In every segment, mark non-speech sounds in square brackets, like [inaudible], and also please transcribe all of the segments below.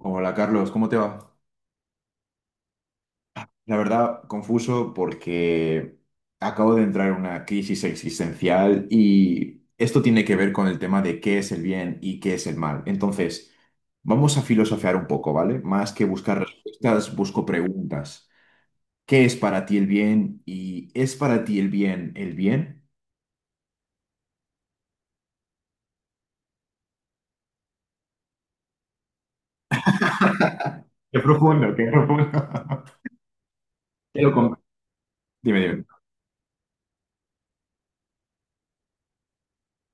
Hola Carlos, ¿cómo te va? La verdad, confuso porque acabo de entrar en una crisis existencial y esto tiene que ver con el tema de qué es el bien y qué es el mal. Entonces, vamos a filosofear un poco, ¿vale? Más que buscar respuestas, busco preguntas. ¿Qué es para ti el bien y es para ti el bien? Qué profundo, qué profundo. [laughs] Te lo com- Dime, dime.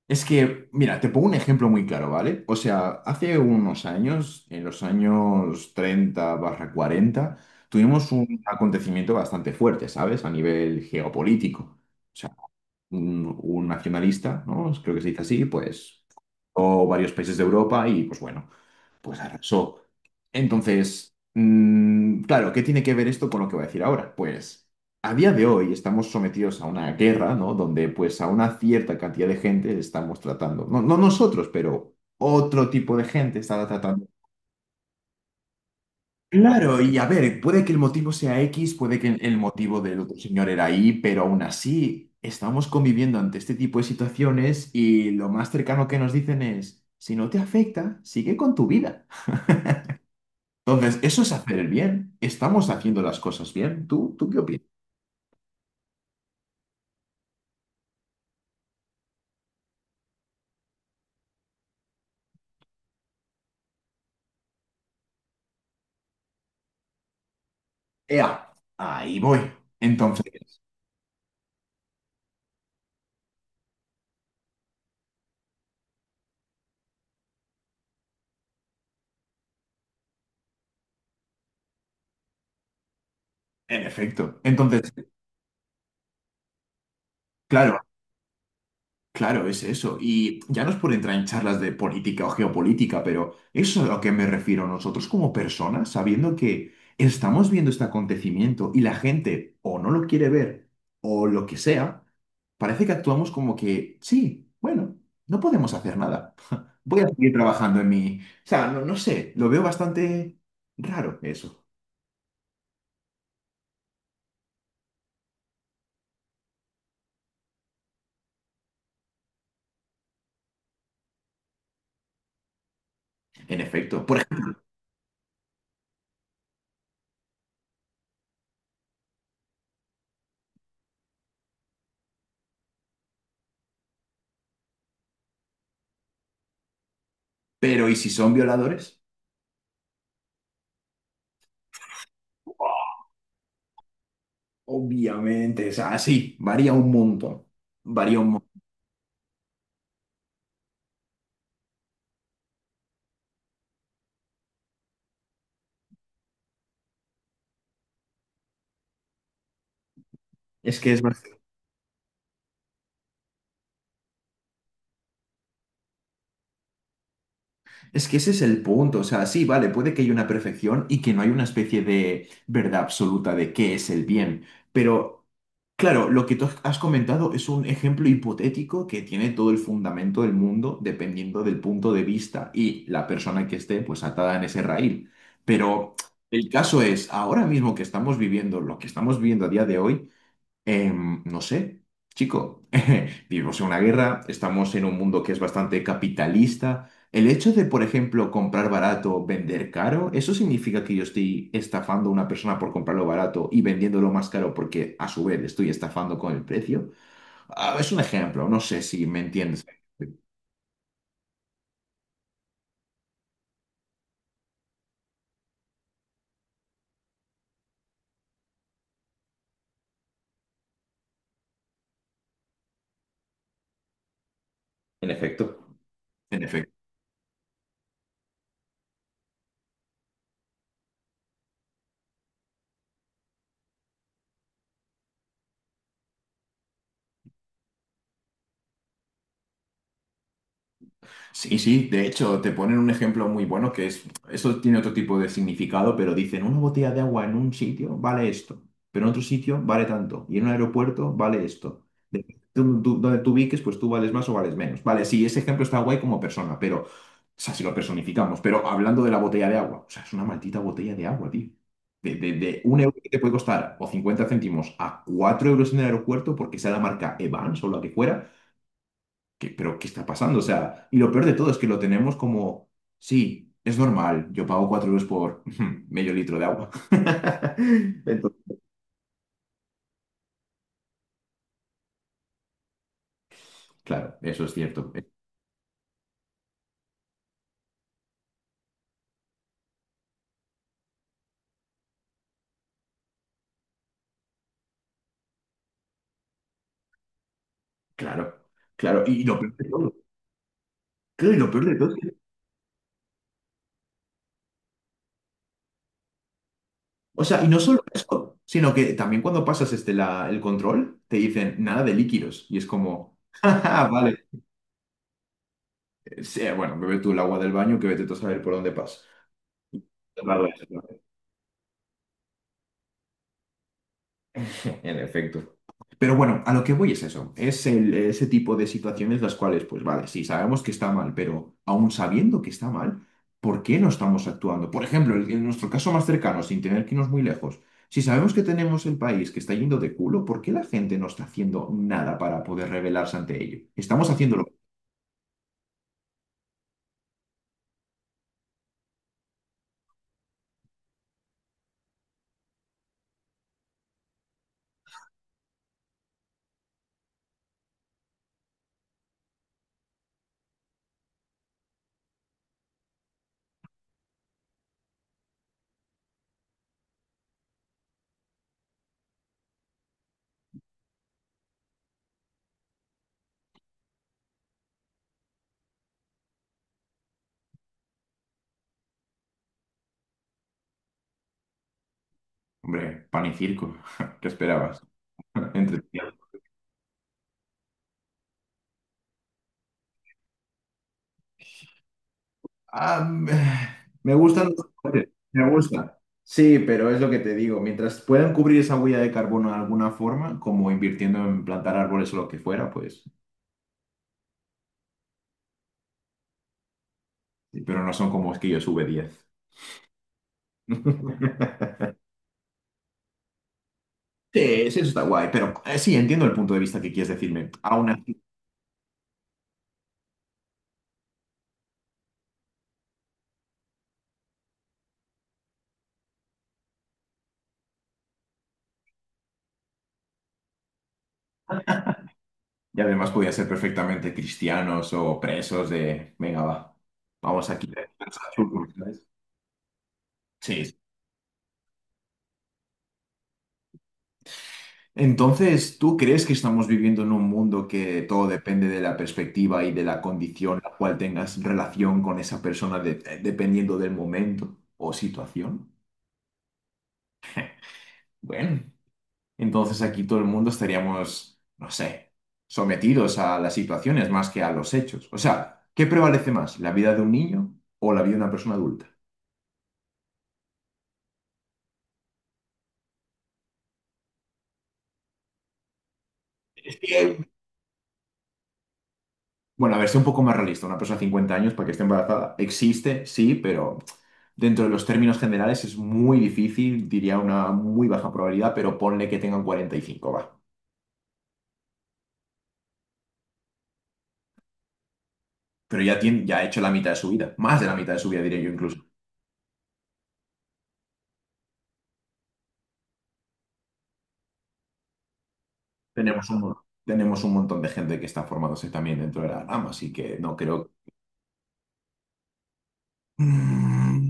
Es que, mira, te pongo un ejemplo muy claro, ¿vale? O sea, hace unos años, en los años 30/40, tuvimos un acontecimiento bastante fuerte, ¿sabes? A nivel geopolítico. O sea, un nacionalista, ¿no? Creo que se dice así, pues, o varios países de Europa y, pues bueno, pues arrasó. Entonces, claro, ¿qué tiene que ver esto con lo que voy a decir ahora? Pues a día de hoy estamos sometidos a una guerra, ¿no? Donde pues a una cierta cantidad de gente estamos tratando, no, no nosotros, pero otro tipo de gente está tratando. Claro, y a ver, puede que el motivo sea X, puede que el motivo del otro señor era Y, pero aún así estamos conviviendo ante este tipo de situaciones y lo más cercano que nos dicen es, si no te afecta, sigue con tu vida. Entonces, eso es hacer el bien. ¿Estamos haciendo las cosas bien? ¿Tú qué opinas? Ea, ahí voy. Entonces, en efecto. Entonces, claro, claro, es eso. Y ya no es por entrar en charlas de política o geopolítica, pero eso es a lo que me refiero nosotros como personas, sabiendo que estamos viendo este acontecimiento y la gente o no lo quiere ver o lo que sea, parece que actuamos como que, sí, bueno, no podemos hacer nada. [laughs] Voy a seguir trabajando en mi... O sea, no, no sé, lo veo bastante raro eso, en efecto. Por ejemplo, pero ¿y si son violadores? Obviamente, o sea, sí, varía un montón. Varía un montón. Es que, es, bast- es que ese es el punto. O sea, sí, vale, puede que haya una perfección y que no hay una especie de verdad absoluta de qué es el bien. Pero, claro, lo que tú has comentado es un ejemplo hipotético que tiene todo el fundamento del mundo dependiendo del punto de vista y la persona que esté pues atada en ese raíl. Pero el caso es, ahora mismo que estamos viviendo lo que estamos viviendo a día de hoy, no sé, chico, [laughs] vivimos en una guerra, estamos en un mundo que es bastante capitalista. El hecho de, por ejemplo, comprar barato, vender caro, ¿eso significa que yo estoy estafando a una persona por comprarlo barato y vendiéndolo más caro porque a su vez le estoy estafando con el precio? Ah, es un ejemplo, no sé si me entiendes. En efecto. En efecto. Sí, sí, de hecho, te ponen un ejemplo muy bueno que es, eso tiene otro tipo de significado, pero dicen, una botella de agua en un sitio vale esto, pero en otro sitio vale tanto, y en un aeropuerto vale esto. Depende tú- tú- donde tú ubiques, pues tú vales más o vales menos. Vale, sí, ese ejemplo está guay como persona, pero, o sea, si lo personificamos, pero hablando de la botella de agua, o sea, es una maldita botella de agua, tío. De un euro que te puede costar o 50 céntimos a 4 euros en el aeropuerto porque sea la marca Evans o la que fuera. ¿Qué, pero qué está pasando? O sea, y lo peor de todo es que lo tenemos como, sí, es normal, yo pago 4 euros por [laughs] medio litro de agua. [laughs] Entonces, claro, eso es cierto. Claro, claro. Y lo peor de todo, claro, y lo peor de todo es que- o sea, y no solo eso, sino que también cuando pasas este, la, el control, te dicen nada de líquidos. Y es como, [laughs] "Ja, ja, vale, sí, bueno, bebe tú el agua del baño que vete tú a saber por dónde pasa. En efecto. Pero bueno, a lo que voy es eso, es el- ese tipo de situaciones las cuales, pues vale, sí, sabemos que está mal, pero aún sabiendo que está mal, ¿por qué no estamos actuando? Por ejemplo, el- en nuestro caso más cercano, sin tener que irnos muy lejos, si sabemos que tenemos el país que está yendo de culo, ¿por qué la gente no está haciendo nada para poder rebelarse ante ello? Estamos haciéndolo. Hombre, pan y circo, [laughs] ¿qué esperabas? [laughs] Entre Ah, me gustan los cohetes, me gusta. Sí, pero es lo que te digo, mientras puedan cubrir esa huella de carbono de alguna forma, como invirtiendo en plantar árboles o lo que fuera, pues, sí, pero no son como esquillos V10. [laughs] Sí, sí, eso está guay, pero sí, entiendo el punto de vista que quieres decirme. Aún así, y además podía ser perfectamente cristianos o presos de, venga, va, vamos aquí. ¿Sabes? Sí, sí. Entonces, ¿tú crees que estamos viviendo en un mundo que todo depende de la perspectiva y de la condición la cual tengas relación con esa persona de- dependiendo del momento o situación? Bueno, entonces aquí todo el mundo estaríamos, no sé, sometidos a las situaciones más que a los hechos. O sea, ¿qué prevalece más, la vida de un niño o la vida de una persona adulta? Bueno, a ver, sea un poco más realista. Una persona de 50 años para que esté embarazada existe, sí, pero dentro de los términos generales es muy difícil, diría una muy baja probabilidad, pero ponle que tengan 45, va. Pero ya, tiene, ya ha hecho la mitad de su vida, más de la mitad de su vida, diría yo incluso. Tenemos un, tenemos un montón de gente que está formándose también dentro de la rama, así que no creo... [laughs]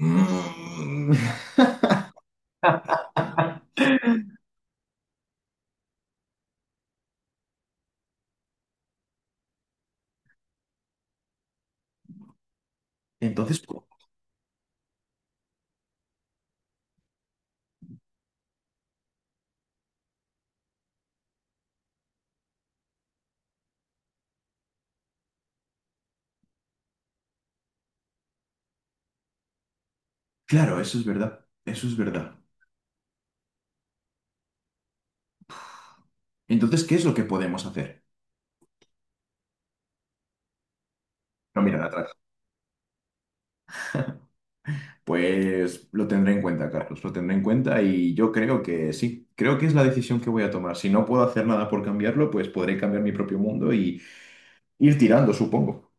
Mm, mm. Entonces, claro, eso es verdad, eso es verdad. Entonces, ¿qué es lo que podemos hacer? No mirar atrás. Pues lo tendré en cuenta, Carlos, lo tendré en cuenta y yo creo que sí, creo que es la decisión que voy a tomar. Si no puedo hacer nada por cambiarlo, pues podré cambiar mi propio mundo y ir tirando, supongo.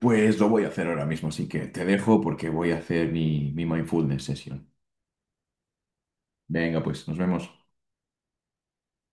Pues lo voy a hacer ahora mismo, así que te dejo porque voy a hacer mi mindfulness sesión. Venga, pues nos vemos.